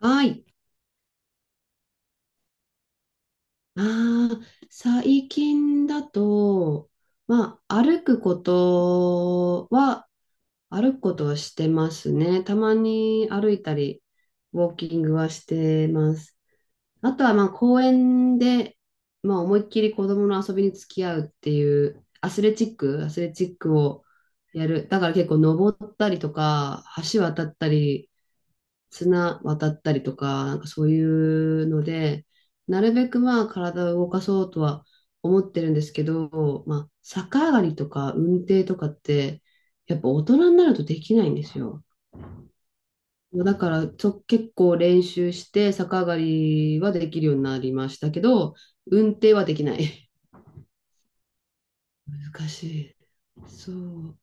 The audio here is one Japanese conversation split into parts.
はい。ああ、最近だと、まあ、歩くことはしてますね。たまに歩いたり、ウォーキングはしてます。あとは、まあ、公園で、まあ、思いっきり子供の遊びに付き合うっていう、アスレチックをやる。だから結構登ったりとか、橋渡ったり、綱渡ったりとか、なんかそういうので、なるべくまあ体を動かそうとは思ってるんですけど、まあ逆上がりとか運転とかって、やっぱ大人になるとできないんですよ。だから結構練習して逆上がりはできるようになりましたけど、運転はできない。難しい。そう。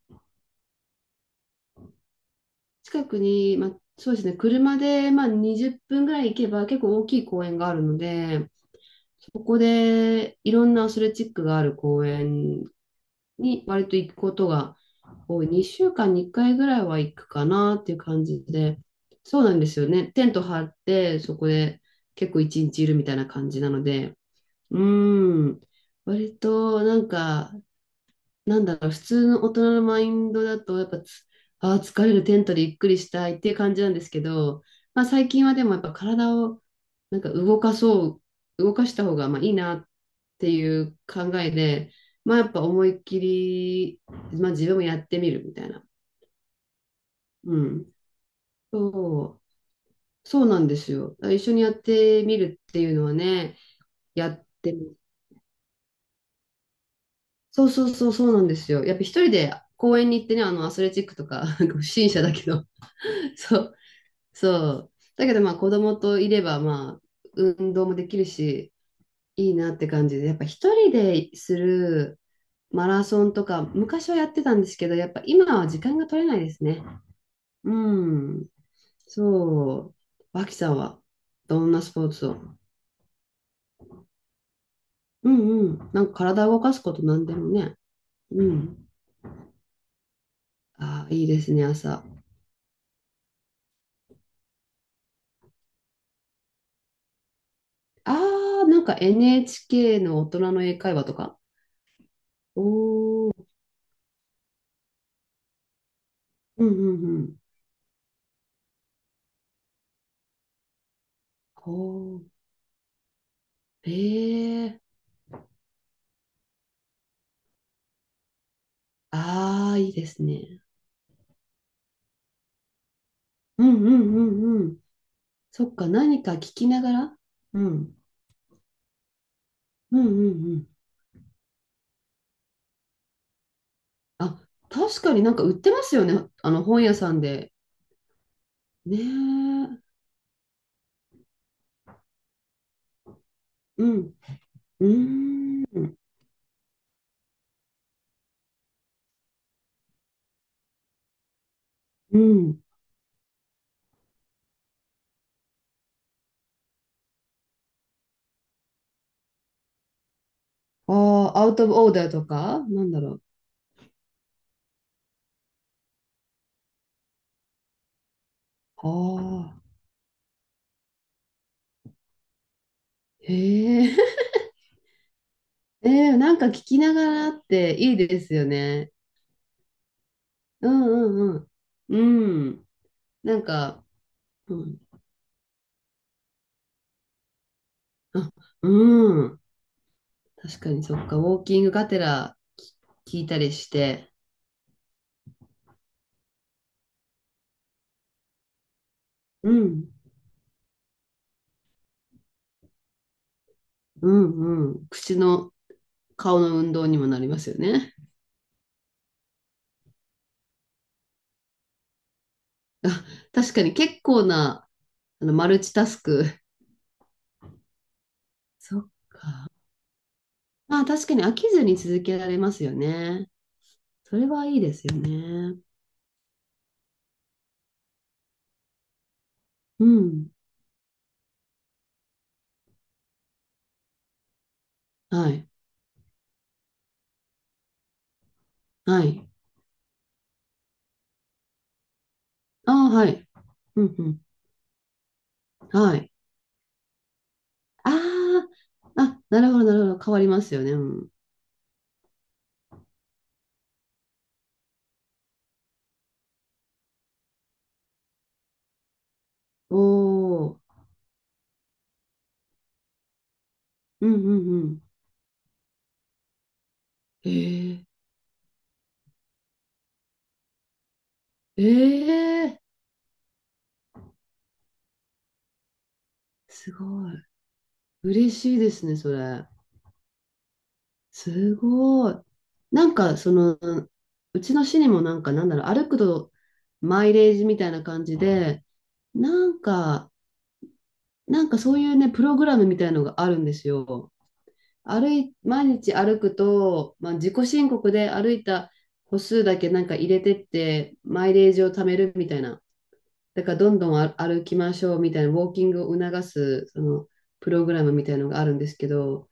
近くに、まあ、そうですね、車でまあ20分ぐらい行けば結構大きい公園があるので、そこでいろんなアスレチックがある公園に割と行くことが多い。2週間に1回ぐらいは行くかなっていう感じで、そうなんですよね。テント張って、そこで結構一日いるみたいな感じなので、うーん、割となんか、なんだろう、普通の大人のマインドだと、やっぱあー疲れるテントでゆっくりしたいっていう感じなんですけど、まあ、最近はでもやっぱ体をなんか動かした方がまあいいなっていう考えで、まあやっぱ思いっきり、まあ自分もやってみるみたいな。うん。そう、そうなんですよ。一緒にやってみるっていうのはね、やってみ、そうそうそう、そうなんですよ。やっぱ一人で公園に行ってね、あのアスレチックとか、なんか不審者だけど、そう、そう。だけどまあ子供といればまあ運動もできるし、いいなって感じで、やっぱ一人でする、マラソンとか、昔はやってたんですけど、やっぱ今は時間が取れないですね。うん。そう。脇さんは、どんなスポーツを？うんうん。なんか体を動かすことなんでもね。うん。ああ、いいですね、朝。ああ、なんか NHK の大人の英会話とか。おお、うんうんうん。ほう。へえ。ああ、いいですね。うんうんうんうん。そっか、何か聞きながら。うん。うんうんうん。あ、確かになんか売ってますよね。あの本屋さんで。ねえ。うん。うーん。うん。ああ、アウトオーダーとかなんだろう。ああ。へえ。ええ、なんか聞きながらっていいですよね。うんうんうん。うん。なんか、うん。あ、うん。確かにそっか。ウォーキングがてら聞いたりして。うん。うんうん。顔の運動にもなりますよね。あ、確かに結構な、あの、マルチタスク。そう。まあ確かに飽きずに続けられますよね。それはいいですよね。うん。はい。はい。ああ、はい。うん、うん。はい。ああ、あ、なるほど、なるほど。変わりますよね。うん。おお。うん、うん、うん。ええええすごい。嬉しいですね、それ。すごい。なんか、その、うちの市にもなんか、なんだろう、歩くとマイレージみたいな感じで、なんか、なんかそういうね、プログラムみたいのがあるんですよ。毎日歩くと、まあ、自己申告で歩いた歩数だけなんか入れてって、マイレージを貯めるみたいな。だから、どんどん歩きましょうみたいな、ウォーキングを促す、その、プログラムみたいのがあるんですけど、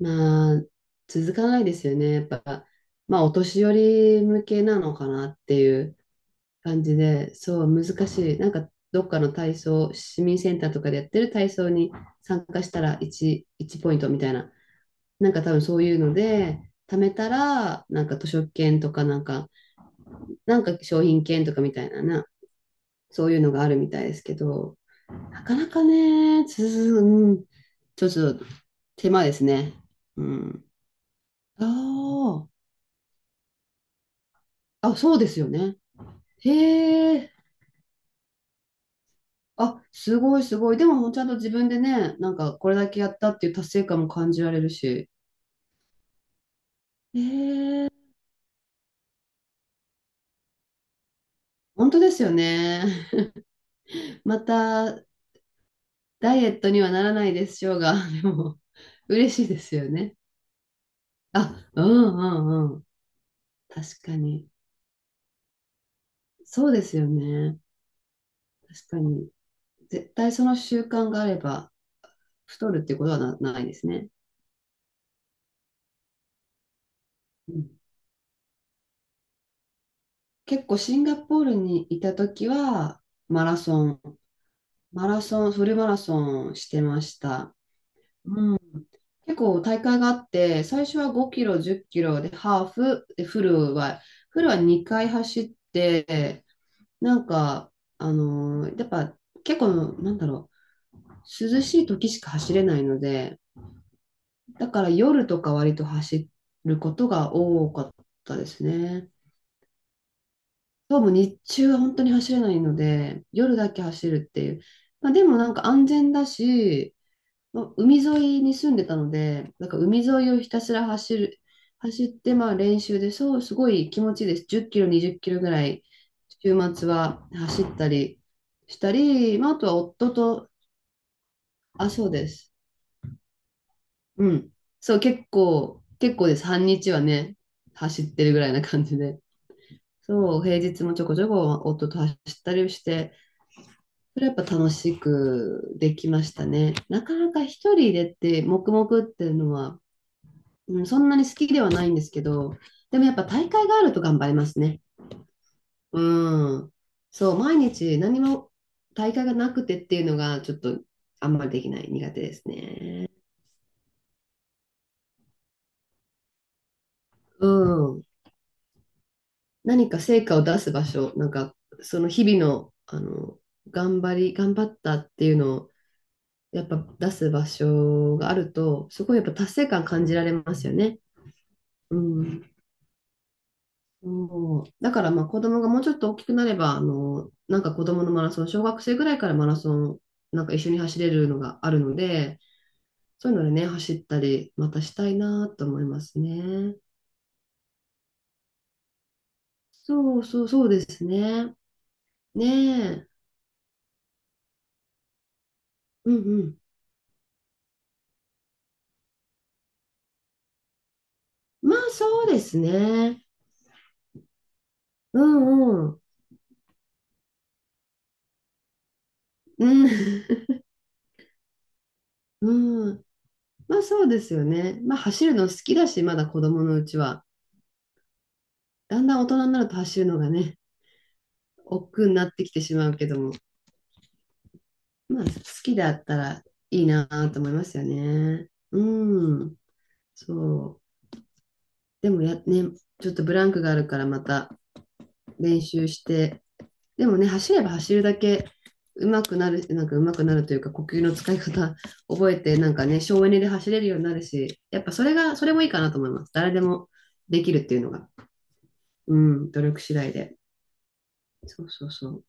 まあ、続かないですよね。やっぱ、まあ、お年寄り向けなのかなっていう感じで、そう、難しい。なんか、どっかの体操、市民センターとかでやってる体操に参加したら1ポイントみたいな。なんか多分そういうので、貯めたら、なんか図書券とか、なんか商品券とかみたいなそういうのがあるみたいですけど、なかなかね、うん、ちょっと手間ですね。うん。ああ。あ、そうですよね。へえ。あ、すごいすごい。でも、ちゃんと自分でね、なんかこれだけやったっていう達成感も感じられるし。へえ。本当ですよね。また、ダイエットにはならないでしょうが、でも、嬉しいですよね。あ、うんうんうん。確かに。そうですよね。確かに。絶対その習慣があれば、太るってことはないですね。うん。結構シンガポールにいた時はマラソンマラソン、フルマラソンしてました。結構大会があって、最初は5キロ、10キロでハーフ、でフルは2回走って、なんか、やっぱ結構、なんだろう、涼しい時しか走れないので、だから夜とか割と走ることが多かったですね。そうも日中は本当に走れないので、夜だけ走るっていう。まあ、でもなんか安全だし、の海沿いに住んでたので、なんか海沿いをひたすら走って、まあ練習で、そう、すごい気持ちいいです。10キロ、20キロぐらい、週末は走ったりしたり、まあ、あとは夫と、あ、そうです。うん。そう、結構です。半日はね、走ってるぐらいな感じで。そう、平日もちょこちょこ夫と走ったりして、それはやっぱ楽しくできましたね。なかなか一人でって、黙々っていうのは、うん、そんなに好きではないんですけど、でもやっぱ大会があると頑張れますね。うん。そう、毎日何も大会がなくてっていうのがちょっとあんまりできない苦手ですね。うん。何か成果を出す場所、なんかその日々の、あの、頑張ったっていうのをやっぱ出す場所があると、すごいやっぱ達成感感じられますよね。うん。そう。だからまあ子供がもうちょっと大きくなれば、あの、なんか子供のマラソン、小学生ぐらいからマラソン、なんか一緒に走れるのがあるので、そういうのでね、走ったり、またしたいなと思いますね。そうそうそうですね。ねえ。うんうん。まあそうですね。うんうん。うん。うん。まあそうですよね。まあ走るの好きだし、まだ子供のうちは。だんだん大人になると走るのがね、億劫になってきてしまうけども。まあ、好きだったらいいなと思いますよね。うん、そう。でもね、ちょっとブランクがあるからまた練習して、でもね、走れば走るだけ上手くなる、なんか上手くなるというか、呼吸の使い方覚えて、なんかね、省エネで走れるようになるし、やっぱそれもいいかなと思います。誰でもできるっていうのが。うん、努力次第で。そうそうそう。